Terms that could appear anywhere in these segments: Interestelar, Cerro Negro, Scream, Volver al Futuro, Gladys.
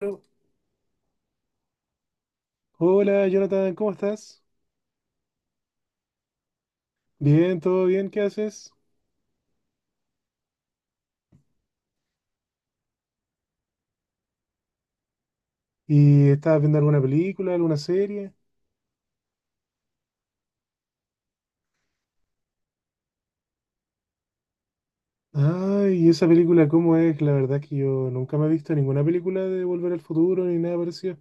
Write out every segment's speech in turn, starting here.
Bueno, hola Jonathan, ¿cómo estás? Bien, todo bien, ¿qué haces? ¿Y estás viendo alguna película, alguna serie? Ay, ¿y esa película cómo es? La verdad que yo nunca me he visto ninguna película de Volver al Futuro ni nada parecido.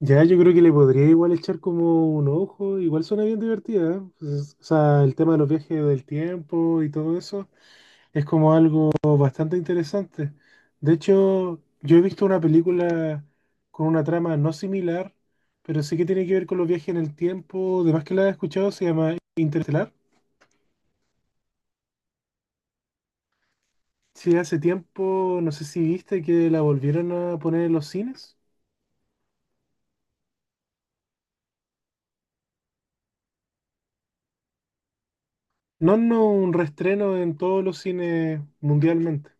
Ya, yo creo que le podría igual echar como un ojo, igual suena bien divertida, ¿eh? Pues, o sea, el tema de los viajes del tiempo y todo eso. Es como algo bastante interesante. De hecho, yo he visto una película con una trama no similar, pero sí que tiene que ver con los viajes en el tiempo. Además que la he escuchado, se llama Interestelar. Sí, hace tiempo, no sé si viste que la volvieron a poner en los cines. No, no, un reestreno en todos los cines mundialmente.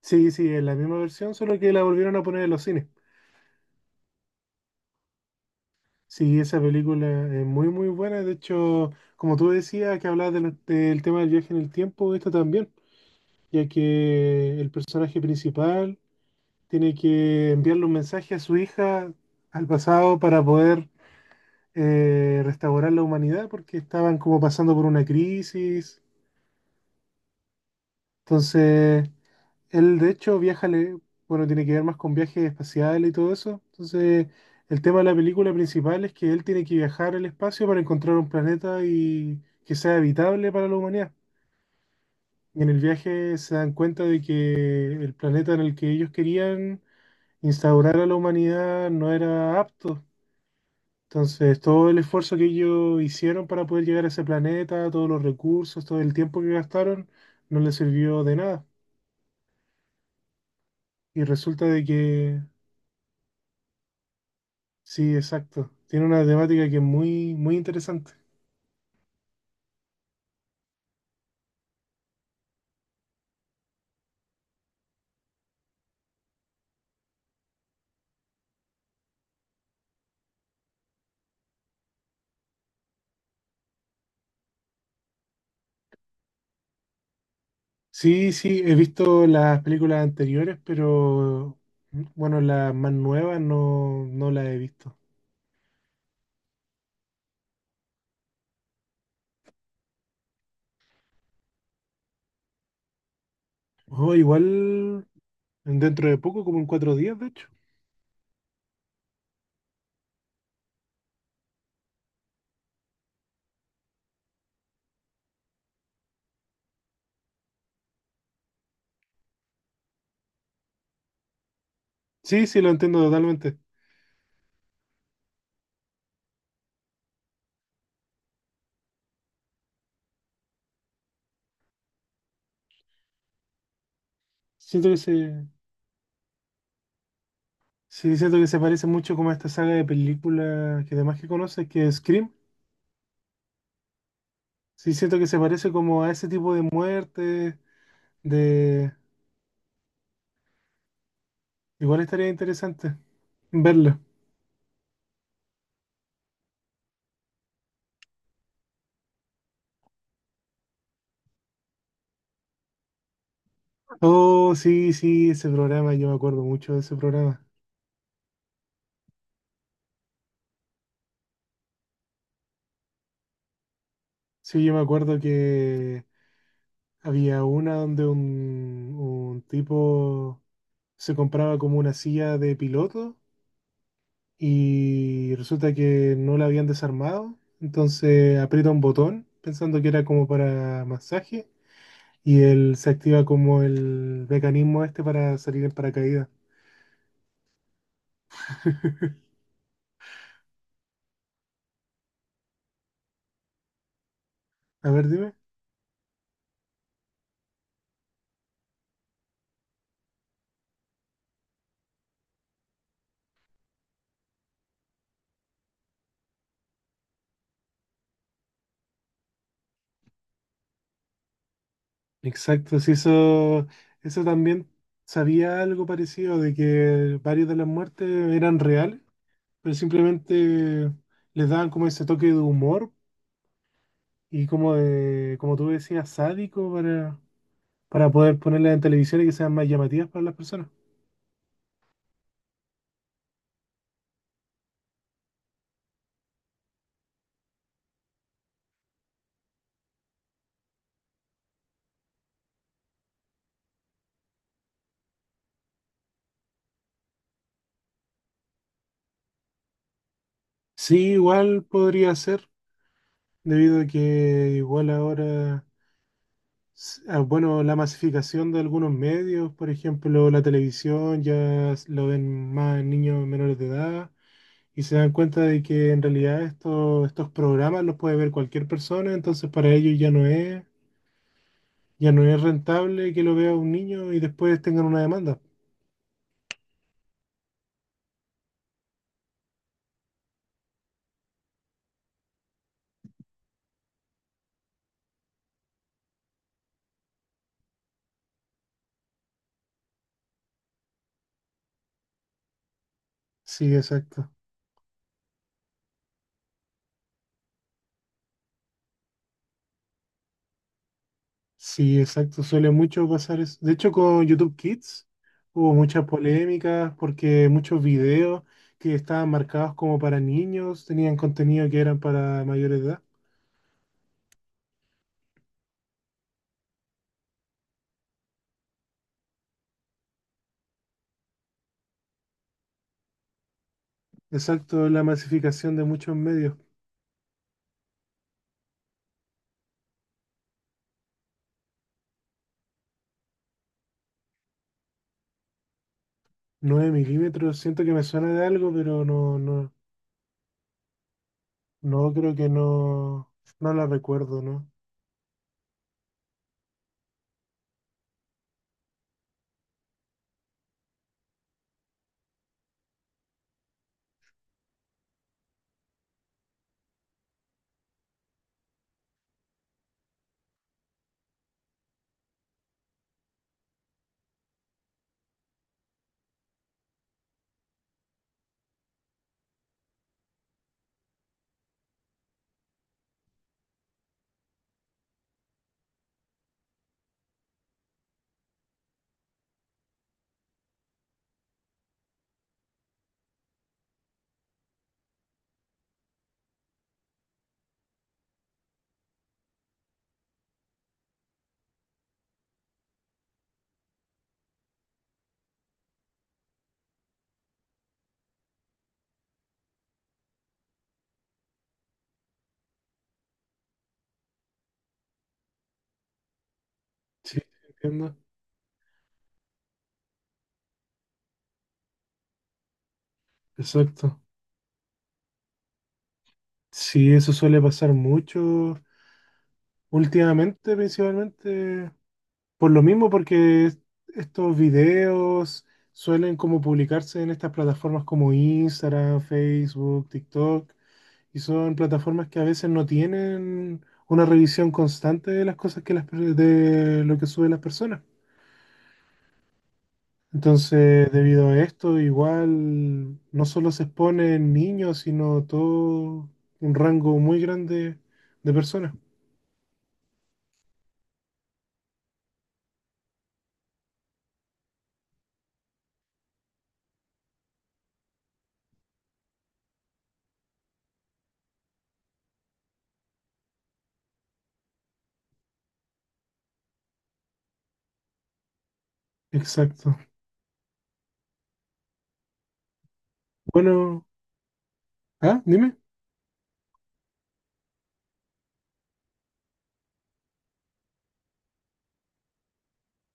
Sí, sí, es la misma versión, solo que la volvieron a poner en los cines. Sí, esa película es muy, muy buena. De hecho, como tú decías, que hablabas del tema del viaje en el tiempo, esta también, ya que el personaje principal tiene que enviarle un mensaje a su hija al pasado para poder restaurar la humanidad, porque estaban como pasando por una crisis. Entonces, él, de hecho, bueno, tiene que ver más con viajes espaciales y todo eso. Entonces, el tema de la película principal es que él tiene que viajar al espacio para encontrar un planeta y que sea habitable para la humanidad. Y en el viaje se dan cuenta de que el planeta en el que ellos querían instaurar a la humanidad no era apto. Entonces, todo el esfuerzo que ellos hicieron para poder llegar a ese planeta, todos los recursos, todo el tiempo que gastaron, no les sirvió de nada. Y resulta de que sí, exacto. Tiene una temática que es muy, muy interesante. Sí, sí, he visto las películas anteriores, pero bueno, las más nuevas no, no las he visto. Oh, igual dentro de poco, como en 4 días, de hecho. Sí, sí, lo entiendo totalmente. Siento que se, sí, siento que se parece mucho como a esta saga de películas que además que conoces, que es Scream. Sí, siento que se parece como a ese tipo de muerte, de... Igual estaría interesante verlo. Oh, sí, sí, ese programa, yo me acuerdo mucho de ese programa. Sí, yo me acuerdo que había una donde un tipo se compraba como una silla de piloto y resulta que no la habían desarmado, entonces aprieta un botón pensando que era como para masaje y él se activa como el mecanismo este para salir en paracaídas. A ver, dime. Exacto, sí, eso también sabía algo parecido, de que varias de las muertes eran reales, pero simplemente les daban como ese toque de humor y como de, como tú decías, sádico para poder ponerlas en televisión y que sean más llamativas para las personas. Sí, igual podría ser, debido a que igual ahora bueno, la masificación de algunos medios, por ejemplo, la televisión, ya lo ven más niños menores de edad y se dan cuenta de que en realidad estos programas los puede ver cualquier persona, entonces para ellos ya no es rentable que lo vea un niño y después tengan una demanda. Sí, exacto. Sí, exacto, suele mucho pasar eso. De hecho, con YouTube Kids hubo muchas polémicas porque muchos videos que estaban marcados como para niños tenían contenido que eran para mayor edad. Exacto, la masificación de muchos medios. 9 milímetros, siento que me suena de algo, pero no, no, no creo que no, no la recuerdo, ¿no? Sí, entiendo. Exacto. Sí, eso suele pasar mucho últimamente, principalmente. Por lo mismo, porque estos videos suelen como publicarse en estas plataformas como Instagram, Facebook, TikTok, y son plataformas que a veces no tienen una revisión constante de las cosas que de lo que suben las personas. Entonces, debido a esto, igual no solo se exponen niños, sino todo un rango muy grande de personas. Exacto. Bueno, ah, dime.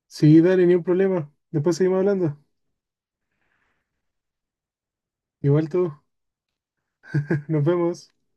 Sí, dale, ni un problema. Después seguimos hablando. Igual tú, nos vemos.